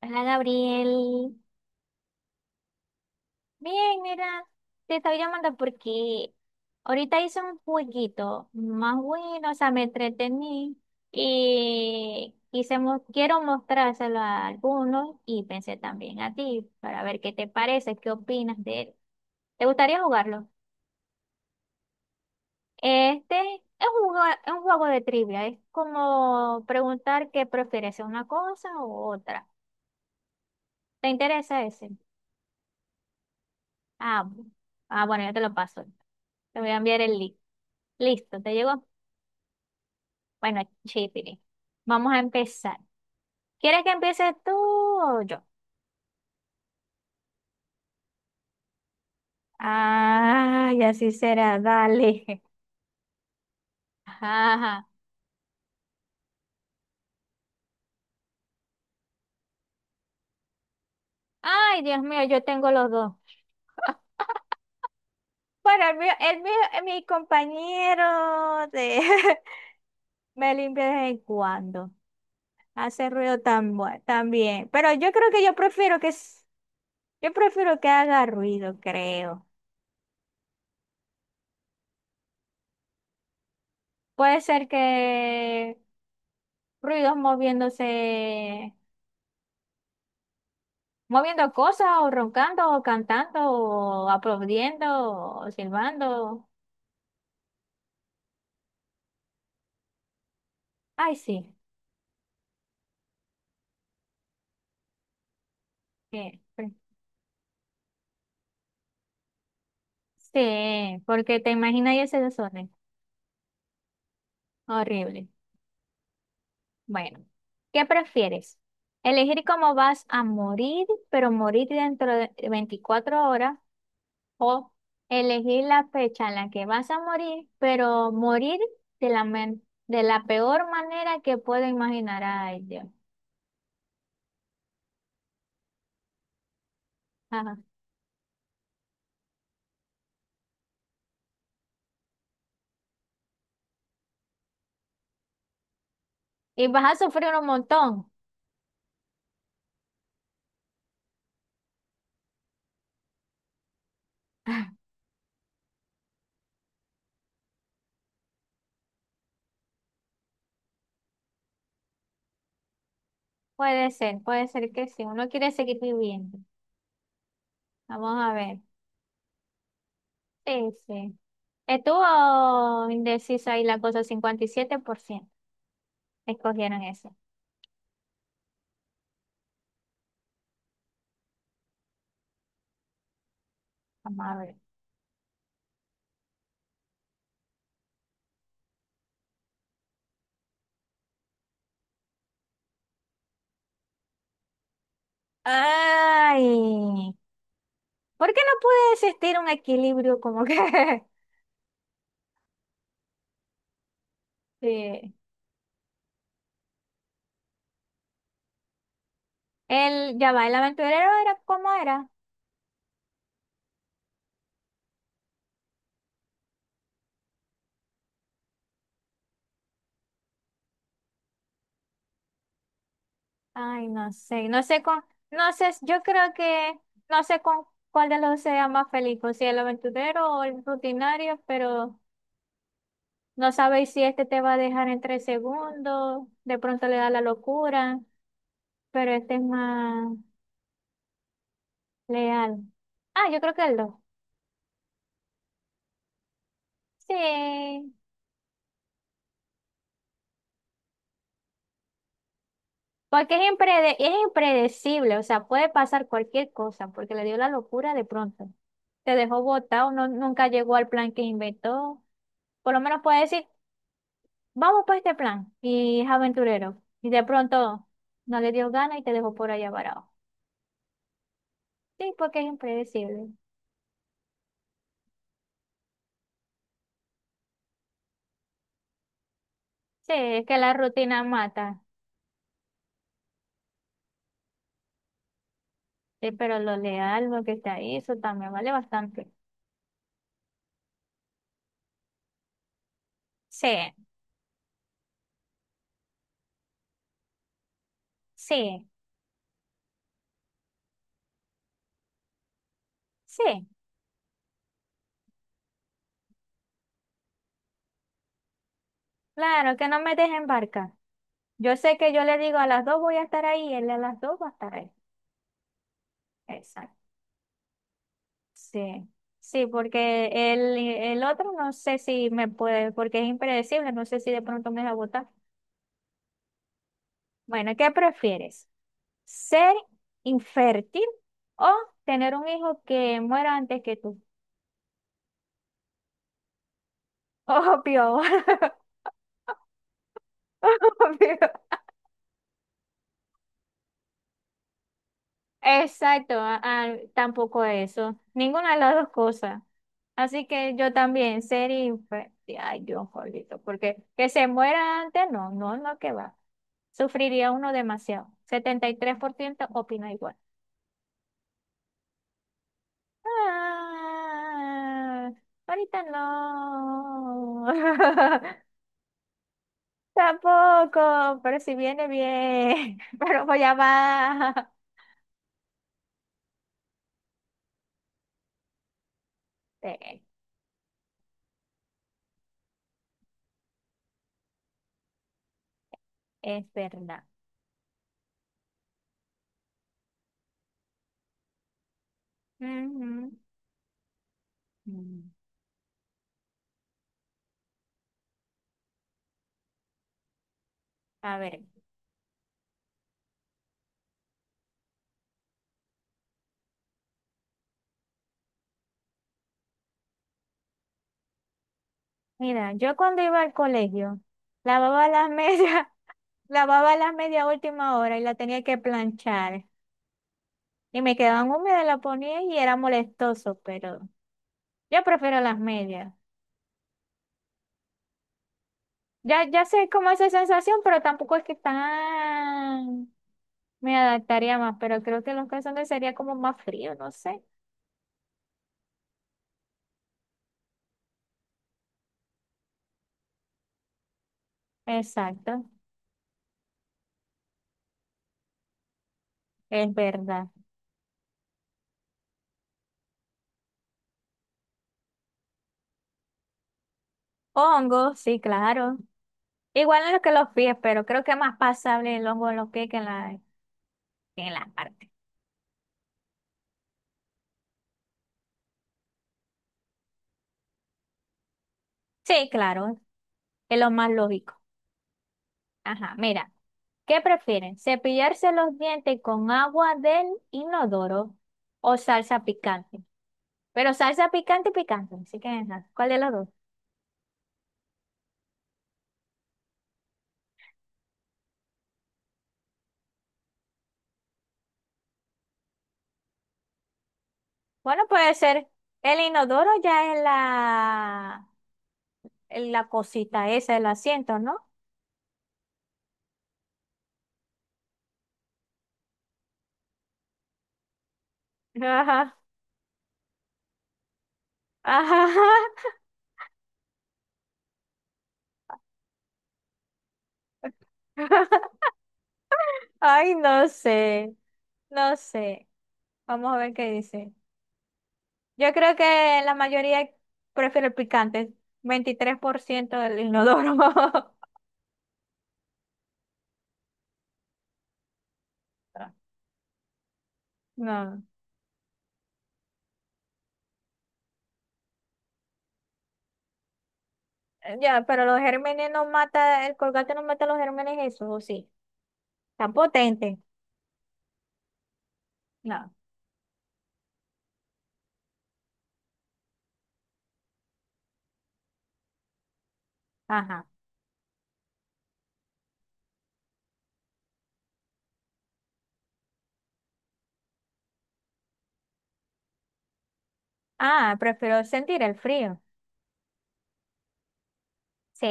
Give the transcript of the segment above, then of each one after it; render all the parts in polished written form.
Hola Gabriel. Bien, mira, te estaba llamando porque ahorita hice un jueguito más bueno, o sea, me entretení y quiero mostrárselo a algunos y pensé también a ti para ver qué te parece, qué opinas de él. ¿Te gustaría jugarlo? Este es es un juego de trivia, es como preguntar qué prefieres, una cosa u otra. ¿Te interesa ese? Ah, bu- ah, bueno, ya te lo paso. Te voy a enviar el link. Listo, ¿te llegó? Bueno, chipiri. Vamos a empezar. ¿Quieres que empieces tú o yo? Ah, y así será, dale. Ajá. Ay, Dios mío, yo tengo los dos. Bueno, el mío, mi compañero de... me limpia de vez en cuando. Hace ruido tan bue- también. Pero yo creo que yo Yo prefiero que haga ruido, creo. Puede ser que ruidos moviéndose, moviendo cosas o roncando o cantando o aplaudiendo o silbando. Ay, sí. eh, pre- Sí, porque te imaginas ese desorden. Horrible. Bueno, ¿qué prefieres? ¿Elegir cómo vas a morir, pero morir dentro de 24 horas? O elegir la fecha en la que vas a morir, pero morir de la peor manera que puedo imaginar. Ay, Dios. Ajá. Y vas a sufrir un montón. Puede ser, que sí. Uno quiere seguir viviendo. Vamos a ver. Sí, sí. Estuvo indecisa ahí la cosa, 57% escogieron eso. Vamos a ver. Ay, ¿por qué no puede existir un equilibrio como que... Sí. El, ya va, el aventurero era cómo era. Ay, no sé, no sé con, no sé, yo creo que, no sé con cuál de los dos sea más feliz, o si el aventurero o el rutinario, pero no sabéis si este te va a dejar en tres segundos, de pronto le da la locura, pero este es más leal. Ah, yo creo que el dos. Sí, porque es impredecible, o sea, puede pasar cualquier cosa, porque le dio la locura de pronto. Te dejó botado, no, nunca llegó al plan que inventó. Por lo menos puede decir, vamos por este plan, y es aventurero. Y de pronto no le dio gana y te dejó por allá varado. Sí, porque es impredecible. Sí, es que la rutina mata. Sí, pero lo leal, lo que está ahí, eso también vale bastante. Sí, sí, sí, claro, que no me dejen barca. Yo sé que yo le digo a las dos voy a estar ahí, él a las dos va a estar ahí. Exacto. Sí. Sí, porque el otro no sé si me puede, porque es impredecible, no sé si de pronto me va a votar. Bueno, ¿qué prefieres? ¿Ser infértil o tener un hijo que muera antes que tú? Obvio, obvio. Exacto, ah, ah, tampoco eso, ninguna de las dos cosas. Así que yo también, ser infeliz, ay Dios, jolito, porque que se muera antes, no, no, no, que va. Sufriría uno demasiado. 73% opina igual. Ah, ahorita no. Tampoco, pero si viene bien, pero voy a va. Sí, es verdad. Ujú. Mm. A ver. Mira, yo cuando iba al colegio, lavaba las medias, lavaba las medias a última hora y la tenía que planchar. Y me quedaban húmedas, la ponía y era molestoso, pero yo prefiero las medias. Ya, sé cómo es esa sensación, pero tampoco es que tan me adaptaría más, pero creo que los calzones sería como más frío, no sé. Exacto, es verdad. Hongo, sí, claro. Igual en lo que los pies, pero creo que es más pasable el hongo en los pies que que en las partes. Sí, claro, es lo más lógico. Ajá, mira, ¿qué prefieren? ¿Cepillarse los dientes con agua del inodoro o salsa picante? Pero salsa picante, picante, así que ajá, ¿cuál de los dos? Bueno, puede ser el inodoro ya es la, en la cosita esa, el asiento, ¿no? Ajá, ajá. Ay, no sé, no sé. Vamos a ver qué dice. Yo creo que la mayoría prefiere el picante, 23% del inodoro. No, eh, ya, pero los gérmenes no mata, el colgate no mata los gérmenes, eso, ¿o sí? Tan potente. No, ajá. Ah, prefiero sentir el frío. Sí,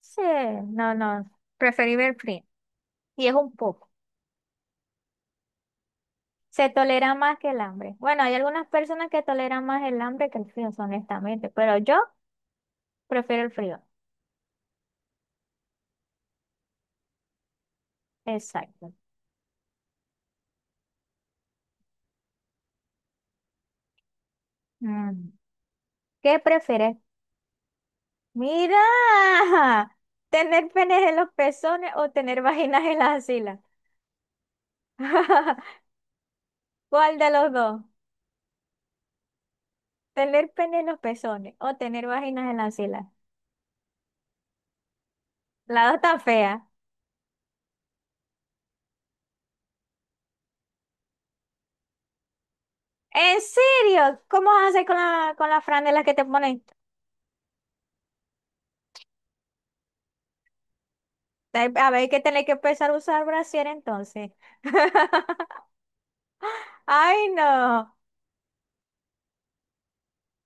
sí, no, no, preferible el frío. Y es un poco. Se tolera más que el hambre. Bueno, hay algunas personas que toleran más el hambre que el frío, honestamente, pero yo prefiero el frío. Exacto. Mm. ¿Qué prefieres? Mira, tener penes en los pezones o tener vaginas en las axilas. ¿Cuál de los dos? Tener pene en los pezones o tener vaginas en las axilas. La dos tan fea. ¿En serio? ¿Cómo vas a hacer con con las franelas que te ponen? A ver, hay que tener que empezar a usar brasier entonces. Ay, no.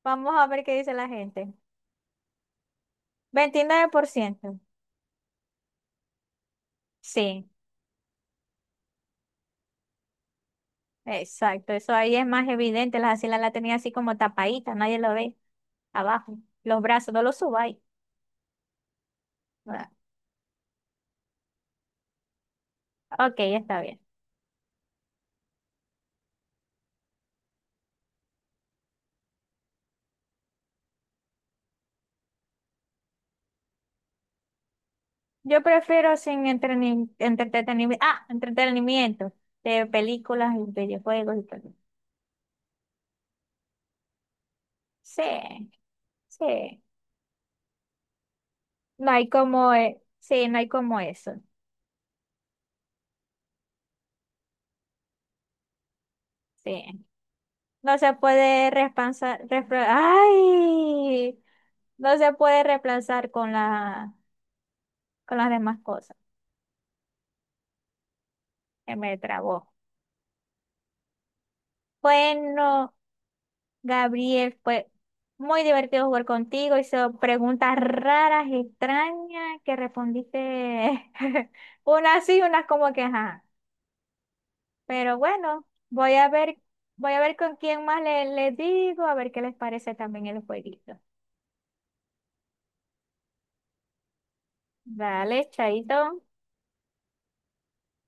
Vamos a ver qué dice la gente. Veintinueve por ciento. Sí, exacto. Eso ahí es más evidente. Las axilas la tenía así como tapadita, nadie lo ve. Abajo. Los brazos, no los subáis. Ah, ok, está bien. Yo prefiero sin entreni- entretenimiento. Ah, entretenimiento. De películas y videojuegos y todo. Sí, sí. No hay como, e- sí, no hay como eso. Sí. No se puede ¡Ay! No se puede reemplazar con con las demás cosas. Se me trabó. Bueno. Gabriel, fue muy divertido jugar contigo. Hizo preguntas raras, extrañas, que respondiste unas sí, unas como que ajá. Pero bueno, voy a ver con quién más le digo, a ver qué les parece también el jueguito. Dale, chaito.